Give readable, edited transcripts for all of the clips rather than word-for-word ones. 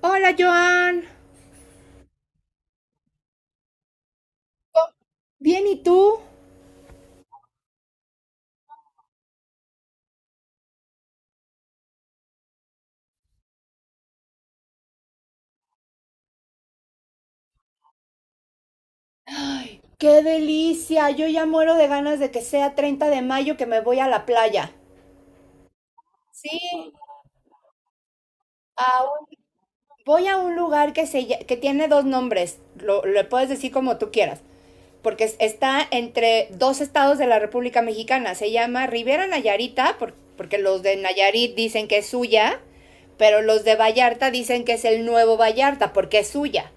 Hola, Joan. Bien, ¿y tú? Ay, qué delicia. Yo ya muero de ganas de que sea 30 de mayo que me voy a la playa. Sí, a un- voy a un lugar que tiene dos nombres. Lo puedes decir como tú quieras. Porque está entre dos estados de la República Mexicana. Se llama Rivera Nayarita, porque los de Nayarit dicen que es suya, pero los de Vallarta dicen que es el nuevo Vallarta, porque es suya.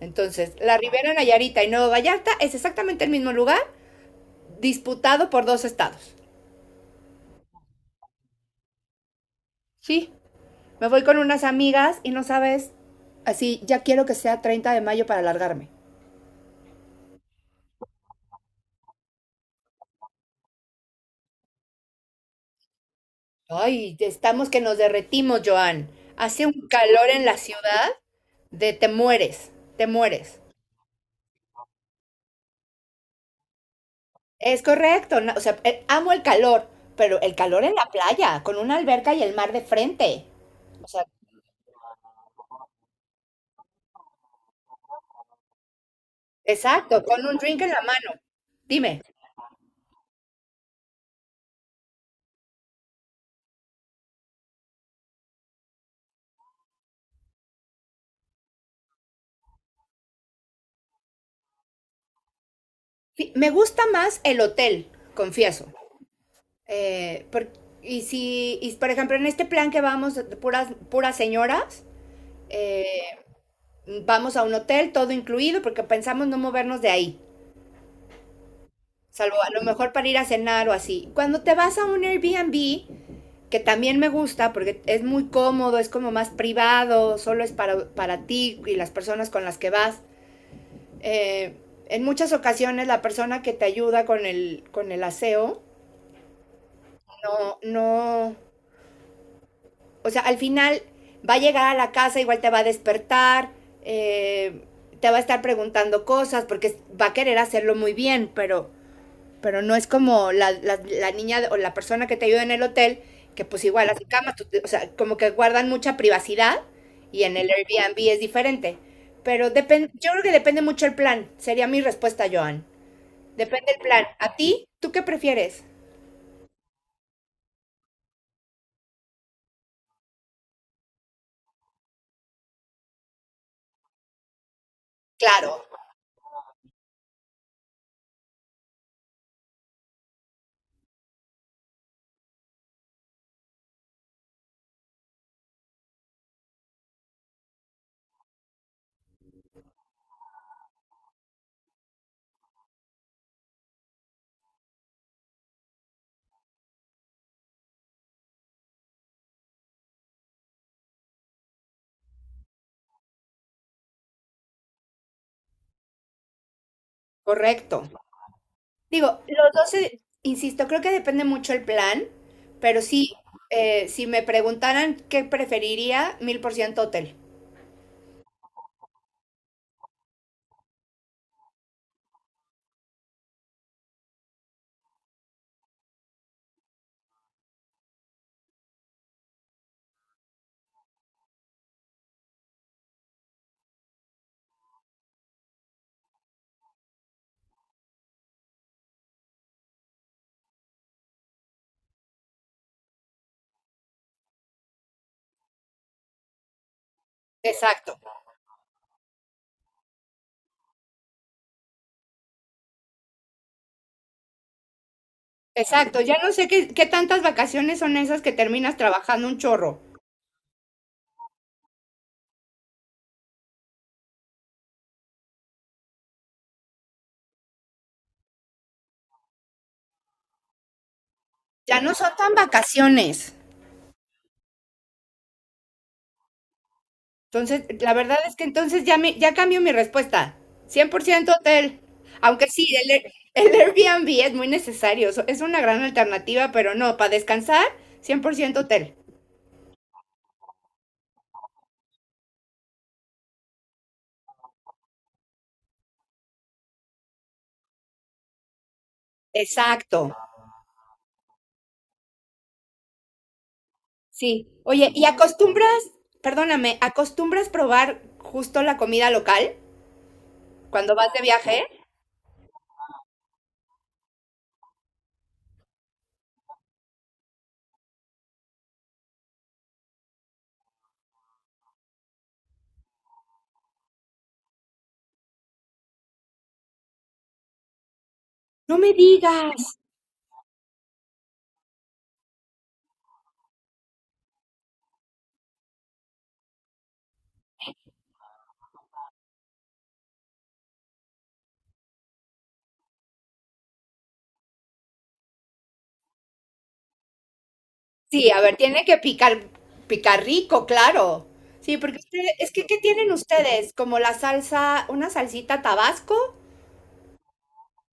Entonces, la Ribera Nayarita y Nuevo Vallarta es exactamente el mismo lugar, disputado por dos estados. Sí, me voy con unas amigas y no sabes, así ya quiero que sea 30 de mayo para largarme. Ay, estamos que nos derretimos, Joan. Hace un calor en la ciudad de te mueres, te mueres. Es correcto, no, o sea, amo el calor, pero el calor en la playa, con una alberca y el mar de frente. O sea, exacto, con un drink en la mano. Dime. Me gusta más el hotel, confieso. Eh, por- y si, y por ejemplo, en este plan que vamos, de puras señoras, eh, vamos a un hotel, todo incluido, porque pensamos no movernos de ahí, salvo a lo mejor para ir a cenar o así. Cuando te vas a un Airbnb, que también me gusta, porque es muy cómodo, es como más privado, solo es para ti y las personas con las que vas. eh, en muchas ocasiones la persona que te ayuda con el aseo. No, no. O sea, al final va a llegar a la casa, igual te va a despertar, eh, te va a estar preguntando cosas, porque va a querer hacerlo muy bien, pero no es como la niña o la persona que te ayuda en el hotel, que pues igual las camas, o sea, como que guardan mucha privacidad y en el Airbnb es diferente. Pero depende, yo creo que depende mucho el plan, sería mi respuesta, Joan. Depende el plan. ¿A ti? ¿Tú qué prefieres? Claro. Correcto. Digo, los 12, insisto, creo que depende mucho el plan, pero sí, si me preguntaran qué preferiría, mil por ciento hotel. Exacto, exacto. Ya no sé qué, qué tantas vacaciones son esas que terminas trabajando un chorro. Ya no son tan vacaciones. Entonces, la verdad es que entonces ya, ya cambio mi respuesta. 100% hotel. Aunque sí, el Airbnb es muy necesario. Es una gran alternativa, pero no, para descansar, cien por ciento hotel. Exacto. Sí. Oye, ¿y acostumbras, perdóname, acostumbras probar justo la comida local cuando vas de viaje? No me digas. Sí, a ver, tiene que picar, picar rico, claro. Sí, porque es que, ¿qué tienen ustedes? Como la salsa, una salsita Tabasco,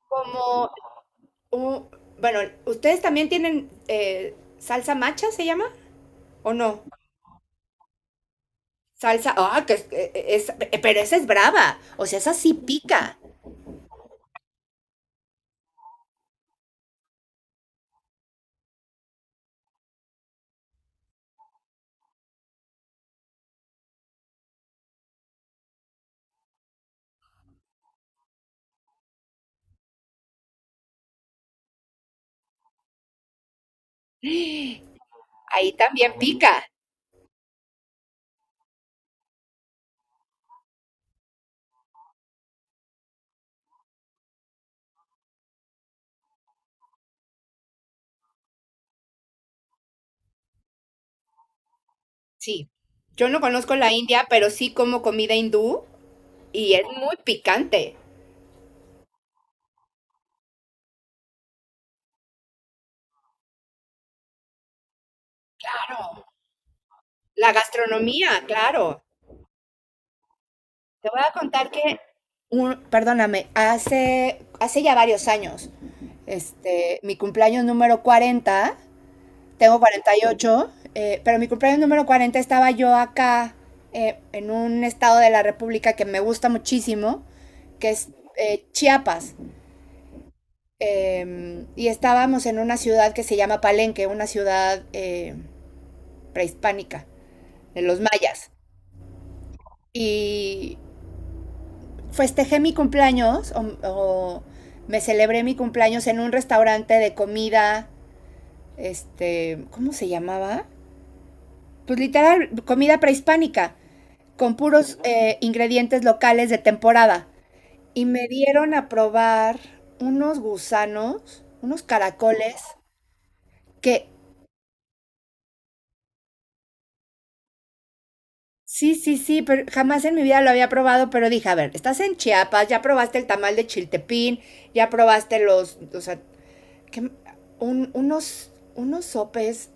como, un- bueno, ¿ustedes también tienen salsa macha, se llama? ¿O no? Salsa, ah, que es, pero esa es brava, o sea, esa sí pica. Ahí también pica. Sí, yo no conozco la India, pero sí como comida hindú y es muy picante. Claro. La gastronomía, claro. Te voy a contar que, perdóname, hace ya varios años, este, mi cumpleaños número 40, tengo 48, pero mi cumpleaños número 40 estaba yo acá en un estado de la República que me gusta muchísimo, que es Chiapas. Y estábamos en una ciudad que se llama Palenque, una ciudad prehispánica, de los mayas. Y festejé mi cumpleaños, o me celebré mi cumpleaños en un restaurante de comida, este, ¿cómo se llamaba? Pues literal, comida prehispánica, con puros ingredientes locales de temporada. Y me dieron a probar unos gusanos, unos caracoles, que sí, sí, sí, pero jamás en mi vida lo había probado, pero dije, a ver, estás en Chiapas, ya probaste el tamal de chiltepín, ya probaste los, o sea, ¿qué? Unos, unos sopes,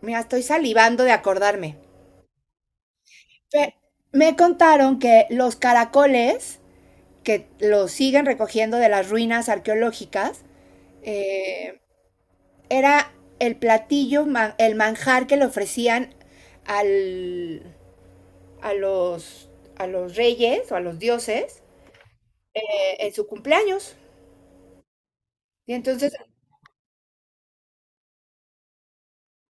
mira, estoy salivando de acordarme. Pe- me contaron que los caracoles, que los siguen recogiendo de las ruinas arqueológicas, eh, era el platillo, el manjar que le ofrecían al, a los, a los reyes o a los dioses en su cumpleaños. Y entonces,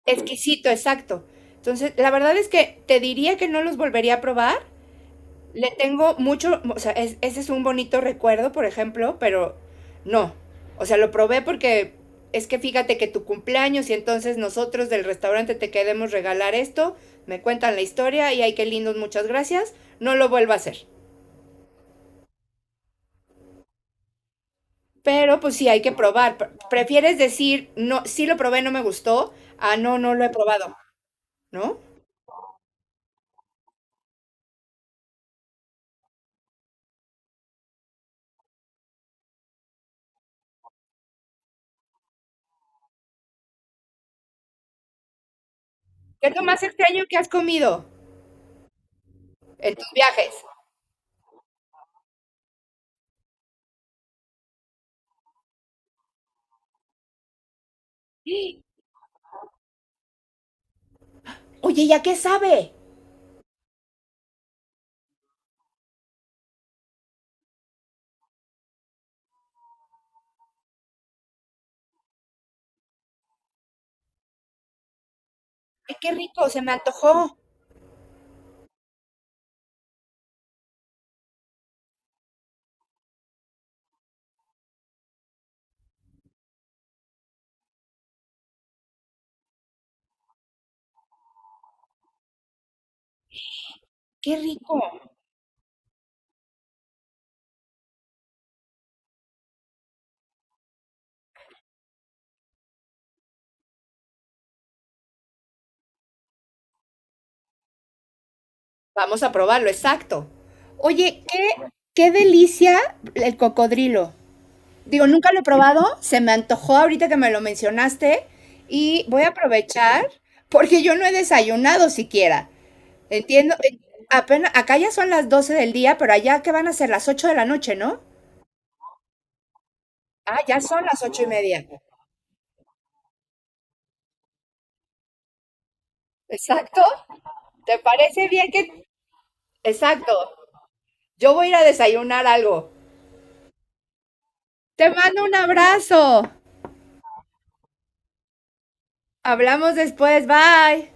exquisito, exacto. Entonces, la verdad es que te diría que no los volvería a probar. Le tengo mucho, o sea, ese es un bonito recuerdo, por ejemplo, pero no. O sea, lo probé porque es que fíjate que tu cumpleaños y entonces nosotros del restaurante te queremos regalar esto, me cuentan la historia y ay, qué lindos, muchas gracias, no lo vuelvo a hacer. Pero pues sí, hay que probar. Prefieres decir, no, sí lo probé, no me gustó, ah, no, no lo he probado, ¿no? ¿Qué es lo más extraño que has comido en tus viajes? ¡Ah! Oye, ¿ya qué sabe? Ay, qué rico, se me antojó. Qué rico. Vamos a probarlo, exacto. Oye, qué, qué delicia el cocodrilo. Digo, nunca lo he probado, se me antojó ahorita que me lo mencionaste y voy a aprovechar porque yo no he desayunado siquiera. Entiendo, apenas, acá ya son las 12 del día, pero allá que van a ser las 8 de la noche, ¿no? Ah, ya son las 8 y media. Exacto. ¿Te parece bien que... Exacto. Yo voy a ir a desayunar algo. Te mando un abrazo. Hablamos después. Bye.